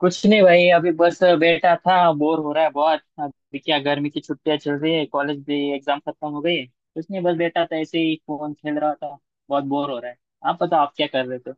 कुछ नहीं भाई, अभी बस बैठा था। बोर हो रहा है बहुत। अभी क्या, गर्मी की छुट्टियां चल रही है, कॉलेज भी एग्जाम खत्म हो गई है। कुछ नहीं, बस बैठा था ऐसे ही फोन खेल रहा था। बहुत बोर हो रहा है। आप बताओ आप क्या कर रहे थे?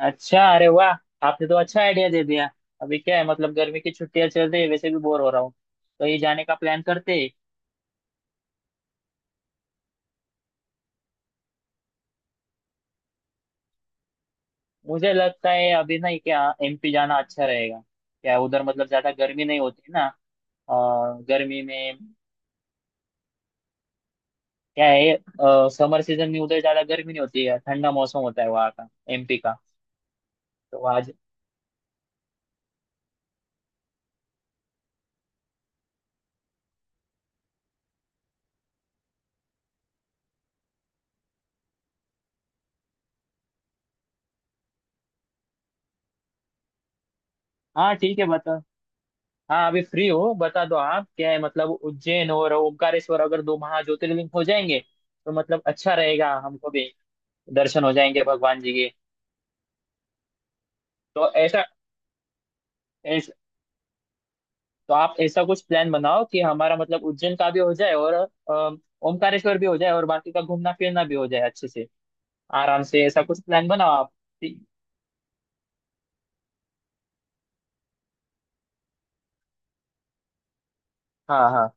अच्छा, अरे वाह! आपने तो अच्छा आइडिया दे दिया। अभी क्या है, मतलब गर्मी की छुट्टियां चल रही है, वैसे भी बोर हो रहा हूँ, तो ये जाने का प्लान करते हैं। मुझे लगता है अभी ना क्या, एमपी जाना अच्छा रहेगा। क्या उधर मतलब ज्यादा गर्मी नहीं होती ना। अ, गर्मी में क्या है, समर सीजन में उधर ज्यादा गर्मी नहीं होती है, ठंडा मौसम होता है वहाँ का। एमपी का। तो आज। हाँ ठीक है, बता। हाँ अभी फ्री हो, बता दो। आप, क्या है मतलब उज्जैन और ओमकारेश्वर अगर दो महाज्योतिर्लिंग हो जाएंगे तो मतलब अच्छा रहेगा हमको भी, दर्शन हो जाएंगे भगवान जी के। तो ऐसा, ऐस, तो आप ऐसा कुछ प्लान बनाओ कि हमारा मतलब उज्जैन का भी हो जाए और ओमकारेश्वर भी हो जाए और बाकी का घूमना फिरना भी हो जाए अच्छे से। आराम से ऐसा कुछ प्लान बनाओ आप। ठीक- हाँ हाँ।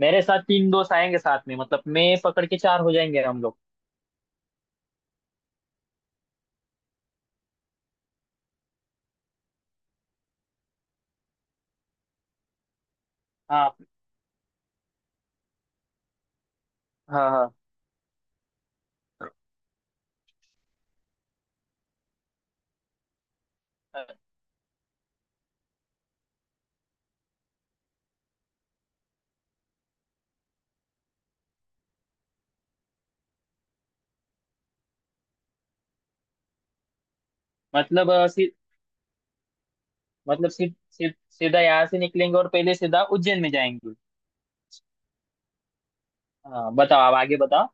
मेरे साथ 3 दोस्त आएंगे साथ में, मतलब मैं पकड़ के चार हो जाएंगे हम लोग। हाँ हाँ हाँ। अ, मतलब मतलब सी, सी, सीधा यहाँ से निकलेंगे और पहले सीधा उज्जैन में जाएंगे। हाँ बताओ, आप आगे बताओ।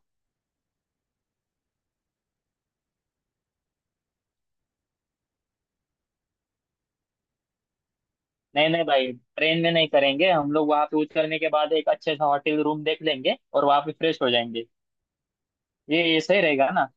नहीं नहीं भाई, ट्रेन में नहीं करेंगे हम लोग, वहां पे उतरने के बाद एक अच्छे सा होटल रूम देख लेंगे और वहां पे फ्रेश हो जाएंगे। ये सही रहेगा ना?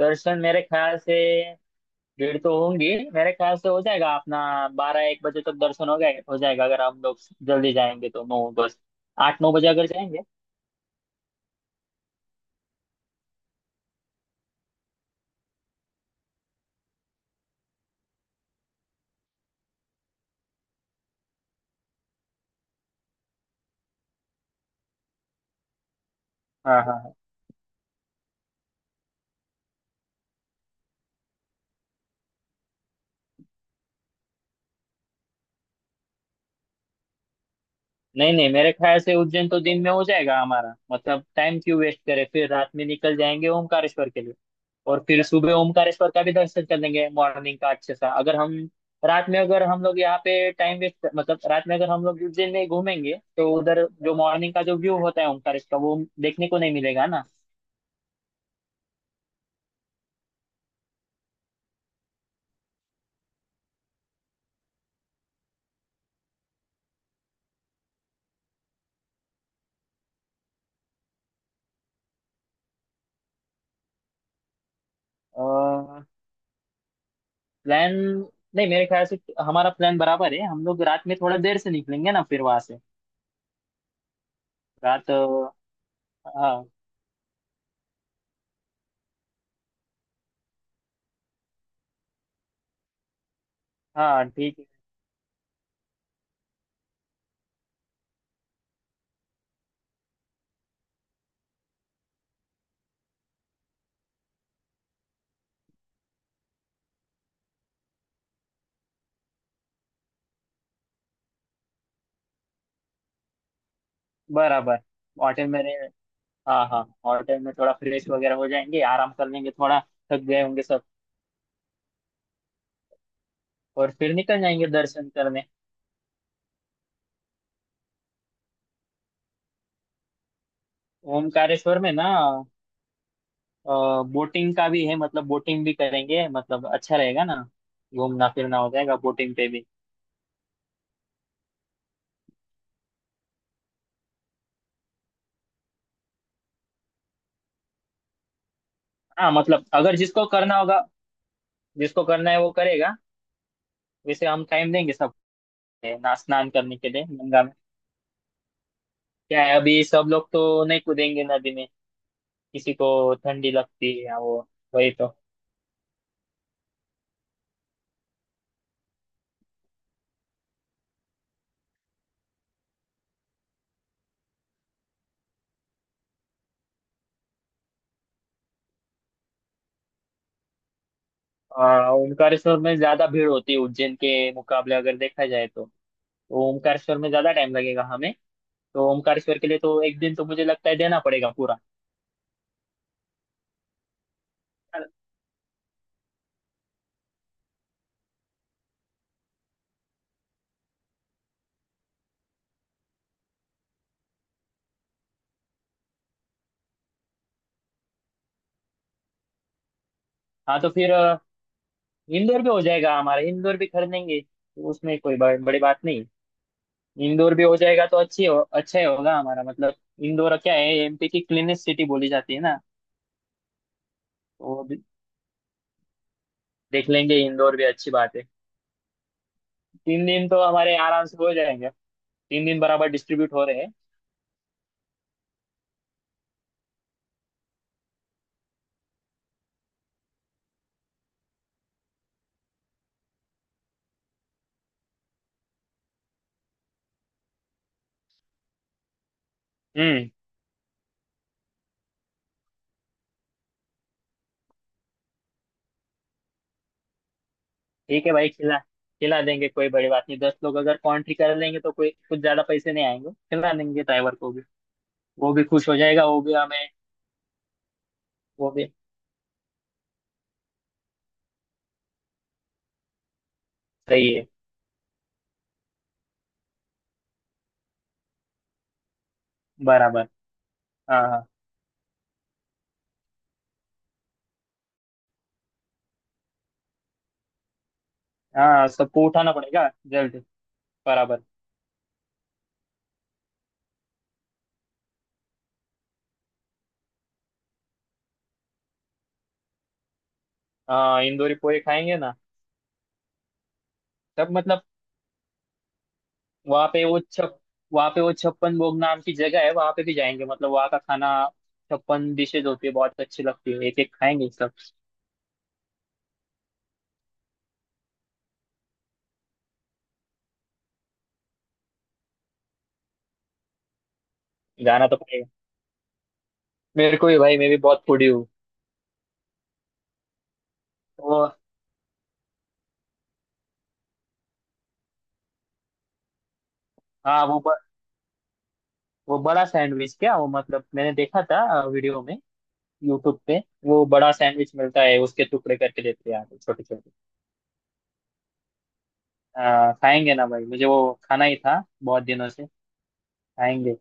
दर्शन, मेरे ख्याल से भीड़ तो होंगी, मेरे ख्याल से हो जाएगा अपना, 12-1 बजे तक दर्शन हो गए हो जाएगा अगर हम लोग जल्दी जाएंगे तो नौ बस, 8-9 बजे अगर जाएंगे। हाँ हाँ हाँ। नहीं नहीं, मेरे ख्याल से उज्जैन तो दिन में हो जाएगा हमारा, मतलब टाइम क्यों वेस्ट करें, फिर रात में निकल जाएंगे ओमकारेश्वर के लिए। और फिर सुबह ओमकारेश्वर का भी दर्शन कर लेंगे मॉर्निंग का अच्छे सा, अगर हम रात में, अगर हम लोग यहाँ पे टाइम वेस्ट, मतलब रात में अगर हम लोग उज्जैन में ही घूमेंगे तो उधर जो मॉर्निंग का जो व्यू होता है ओमकारेश्वर का वो देखने को नहीं मिलेगा। ना, प्लान, नहीं मेरे ख्याल से हमारा प्लान बराबर है, हम लोग रात में थोड़ा देर से निकलेंगे ना फिर वहां से। रात हाँ। हाँ ठीक है। बराबर। होटल में रहे- हाँ हाँ, होटल में थोड़ा फ्रेश वगैरह हो जाएंगे, आराम कर लेंगे थोड़ा, थक गए होंगे सब। और फिर निकल जाएंगे दर्शन करने। ओमकारेश्वर में ना बोटिंग का भी है, मतलब बोटिंग भी करेंगे, मतलब अच्छा रहेगा ना, घूमना फिरना हो जाएगा बोटिंग पे भी। हाँ मतलब अगर जिसको करना होगा, जिसको करना है वो करेगा। वैसे हम टाइम देंगे सबको, है ना, स्नान करने के लिए गंगा में। क्या है, अभी सब लोग तो नहीं कूदेंगे नदी में, किसी को ठंडी लगती है या वो, वही तो। ओमकारेश्वर में ज्यादा भीड़ होती है उज्जैन के मुकाबले अगर देखा जाए तो ओमकारेश्वर में ज्यादा टाइम लगेगा हमें, तो ओमकारेश्वर के लिए तो एक दिन तो मुझे लगता है देना पड़ेगा पूरा। हाँ तो फिर इंदौर भी हो जाएगा हमारा, इंदौर भी कर लेंगे तो उसमें कोई बड़ी बात नहीं। इंदौर भी हो जाएगा तो अच्छी हो अच्छा ही होगा हमारा मतलब। इंदौर क्या है, एमपी की क्लीनेस्ट सिटी बोली जाती है ना। तो देख लेंगे इंदौर भी, अच्छी बात है। 3 दिन तो हमारे आराम से हो जाएंगे, 3 दिन बराबर डिस्ट्रीब्यूट हो रहे हैं। हम्म ठीक है भाई, खिला खिला देंगे, कोई बड़ी बात नहीं, 10 लोग अगर कॉन्ट्री कर लेंगे तो कोई कुछ ज्यादा पैसे नहीं आएंगे, खिला देंगे ड्राइवर को भी, वो भी खुश हो जाएगा, वो भी हमें। वो भी सही है। बराबर। हाँ हाँ हाँ, सबको उठाना पड़ेगा जल्दी। बराबर। हाँ, इंदौरी पोहे खाएंगे ना। सब मतलब, वहाँ पे वो छप वहाँ पे वो छप्पन भोग नाम की जगह है, वहाँ पे भी जाएंगे, मतलब वहाँ का खाना, छप्पन डिशेज होती है, बहुत अच्छी लगती है, एक एक खाएंगे सब। जाना तो पड़ेगा, मेरे को भी भाई, मैं भी बहुत फूडी हूँ। वो, हाँ वो बड़ा सैंडविच क्या, वो मतलब मैंने देखा था वीडियो में, यूट्यूब पे। वो बड़ा सैंडविच मिलता है, उसके टुकड़े करके देते हैं यहाँ पे छोटे छोटे। खाएंगे ना भाई, मुझे वो खाना ही था बहुत दिनों से। खाएंगे।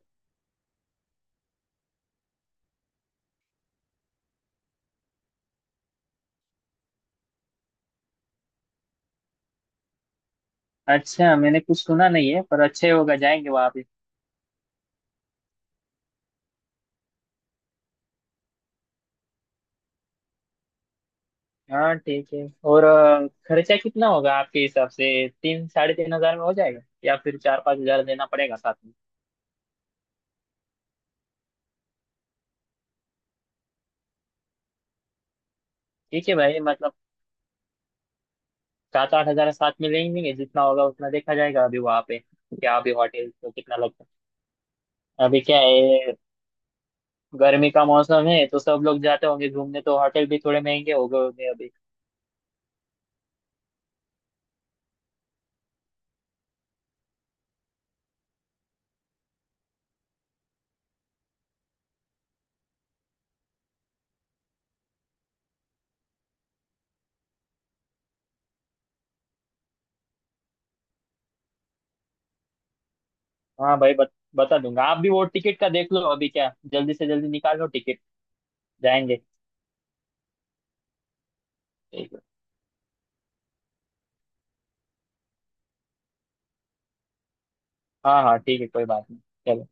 अच्छा, मैंने कुछ सुना नहीं है पर अच्छे होगा, जाएंगे वहाँ पे। हाँ ठीक है। और खर्चा कितना होगा आपके हिसाब से? 3, साढ़े 3 हजार में हो जाएगा या फिर 4-5 हजार देना पड़ेगा साथ में? ठीक है भाई, मतलब 7-8 हजार साथ में लेंगे, जितना होगा उतना देखा जाएगा अभी वहाँ पे। क्या, अभी होटल तो कितना लगता है अभी, क्या है, गर्मी का मौसम है तो सब लोग जाते होंगे घूमने, तो होटल भी थोड़े महंगे हो गए होंगे अभी। हाँ भाई, बता दूंगा, आप भी वो टिकट का देख लो अभी क्या, जल्दी से जल्दी निकाल लो टिकट, जाएंगे। ठीक है। हाँ हाँ ठीक है, कोई बात नहीं। चलो।